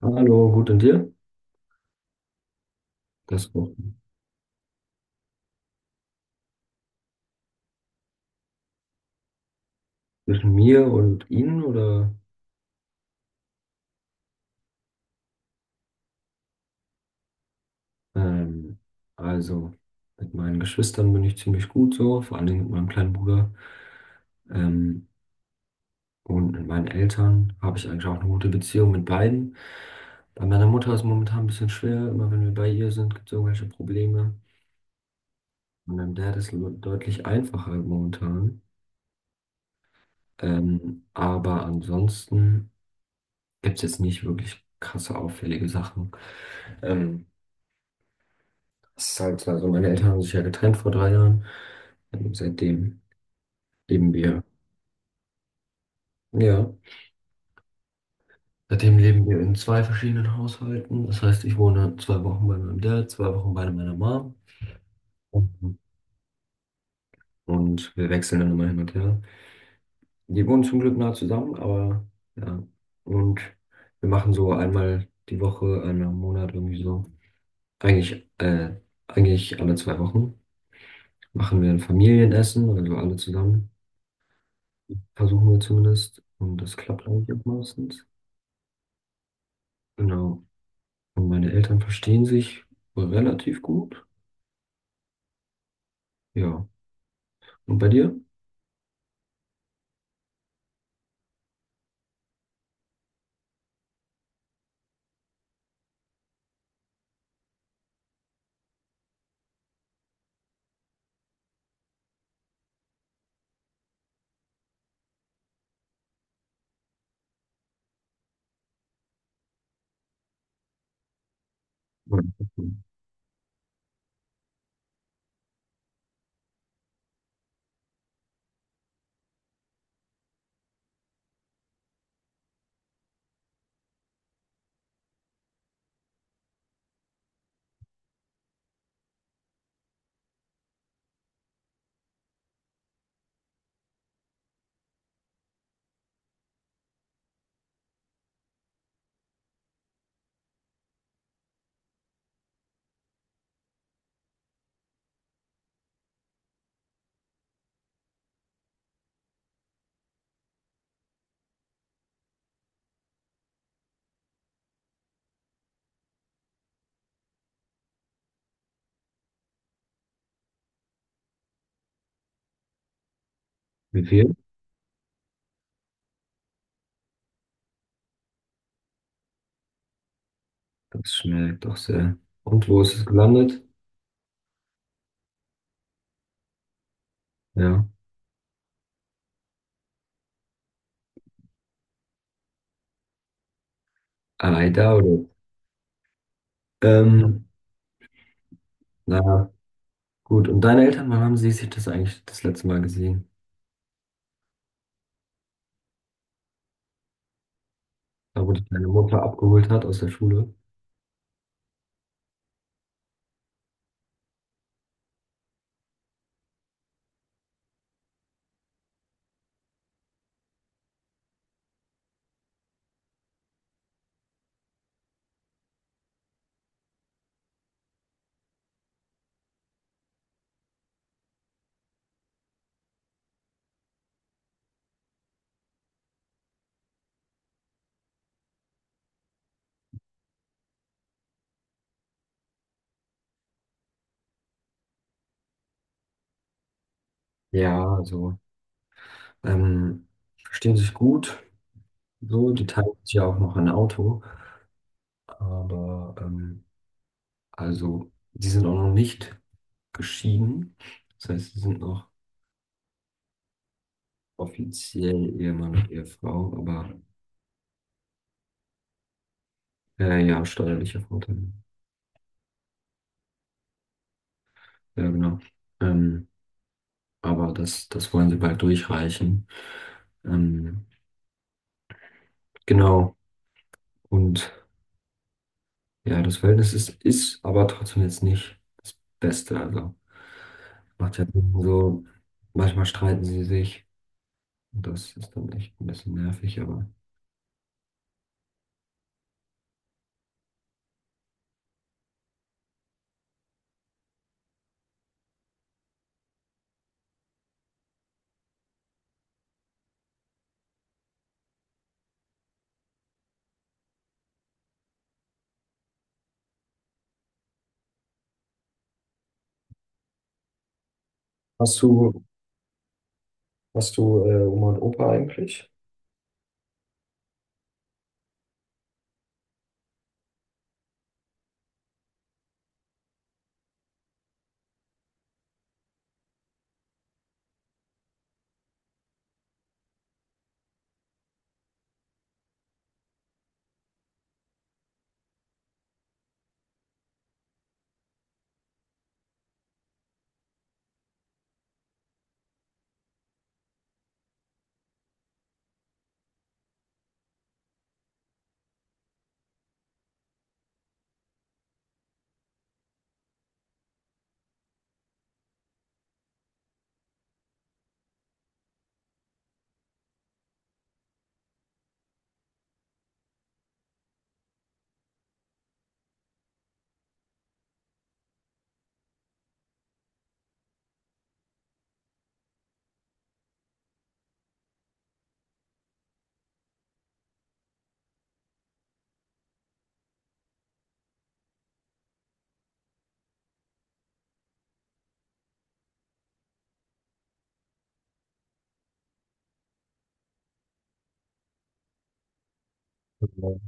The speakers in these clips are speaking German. Hallo, gut und dir? Das auch. Zwischen mir und Ihnen oder? Ähm, also mit meinen Geschwistern bin ich ziemlich gut so, vor allen Dingen mit meinem kleinen Bruder. Ähm, und mit meinen Eltern habe ich eigentlich auch eine gute Beziehung mit beiden. Bei meiner Mutter ist es momentan ein bisschen schwer, immer wenn wir bei ihr sind, gibt es irgendwelche Probleme. Mit meinem Dad ist es deutlich einfacher momentan. Aber ansonsten gibt es jetzt nicht wirklich krasse auffällige Sachen. Ähm, Das ist halt, also meine Eltern haben sich ja getrennt vor drei Jahren. Und leben wir, ja, seitdem leben wir in zwei verschiedenen Haushalten. Das heißt, ich wohne zwei Wochen bei meinem Dad, zwei Wochen bei meiner Mom. Und und wir wechseln dann immer hin und her. Die wohnen zum Glück nah zusammen, aber ja. Und wir machen so einmal die Woche, einmal im Monat irgendwie so. Eigentlich, äh, eigentlich alle zwei Wochen machen wir ein Familienessen, also alle zusammen. Versuchen wir zumindest. Und das klappt eigentlich auch meistens. Genau. Und meine Eltern verstehen sich relativ gut. Ja. Und bei dir? Wie viel? Das schmeckt doch sehr. Und wo ist es gelandet? Ja. Ah, da oder? Ähm, na gut. Und deine Eltern, wann haben sie sich das eigentlich das letzte Mal gesehen? Da, wo dich deine Mutter abgeholt hat aus der Schule? Ja, also, ähm, verstehen sich gut. So, die teilen sich ja auch noch ein Auto. Aber also sie sind auch noch nicht geschieden. Das heißt, sie sind noch offiziell Ehemann und Ehefrau, aber ja, steuerlicher Vorteil. Ja, genau. Ähm, aber das wollen sie bald durchreichen. Ähm, genau. Und ja, ist aber trotzdem jetzt nicht das Beste. Also macht ja so, manchmal streiten sie sich. Und das ist dann echt ein bisschen nervig, aber. Hast du, hast du Oma und Opa eigentlich? Okay.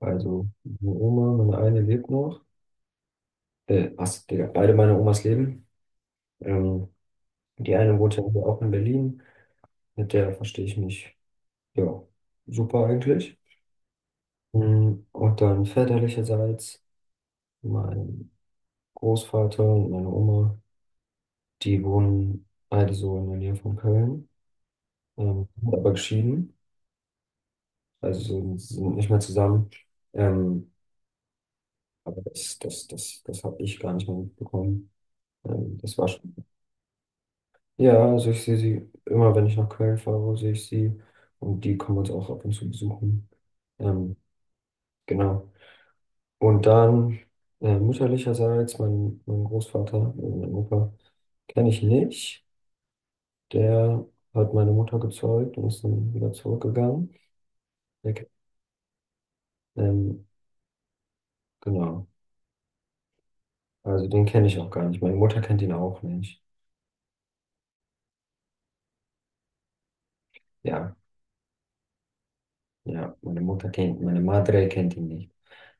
Also meine Oma, meine eine lebt noch. Was, Digga, beide meine Omas leben. Ähm, die eine wohnt ja hier auch in Berlin. Mit der verstehe ich mich, ja, super eigentlich. Mm, und dann väterlicherseits mein Großvater und meine Oma, die wohnen beide so in der Nähe von Köln, sind aber geschieden, also sind nicht mehr zusammen. Ähm, aber das habe ich gar nicht mehr mitbekommen. Das war schon. Ja, also ich sehe sie immer, wenn ich nach Köln fahre, sehe ich sie. Und die kommen uns auch ab und zu besuchen. Ähm, genau. Und dann mütterlicherseits, mein Großvater, mein Opa, kenne ich nicht. Der hat meine Mutter gezeugt und ist dann wieder zurückgegangen. Der, ke- ähm, genau. Also den kenne ich auch gar nicht. Meine Mutter kennt ihn auch nicht. Ja, ja, meine Madre kennt ihn nicht.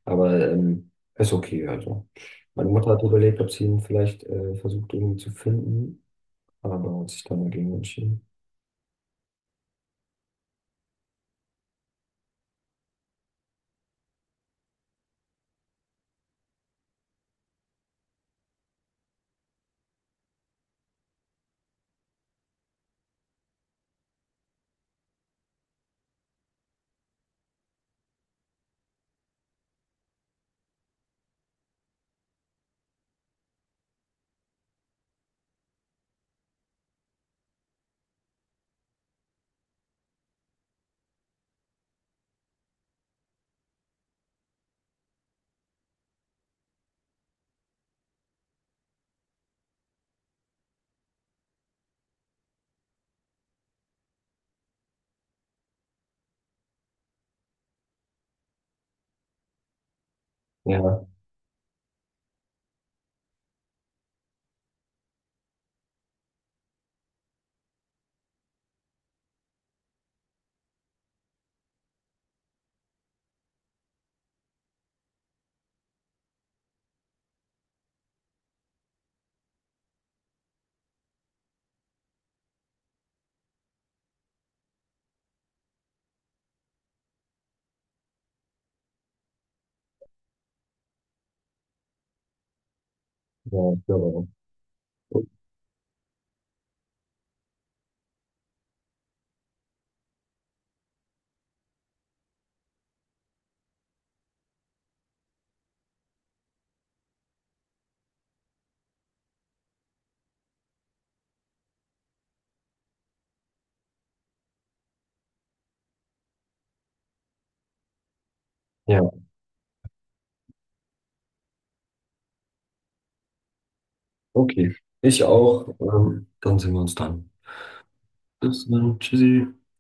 Aber ist okay, also. Meine Mutter hat überlegt, ob sie ihn vielleicht versucht irgendwie zu finden, aber hat sich dann dagegen entschieden. Ja, ja, ich glaube auch. Ja, okay. Ich auch. Dann sehen wir uns dann. Bis dann. Tschüssi.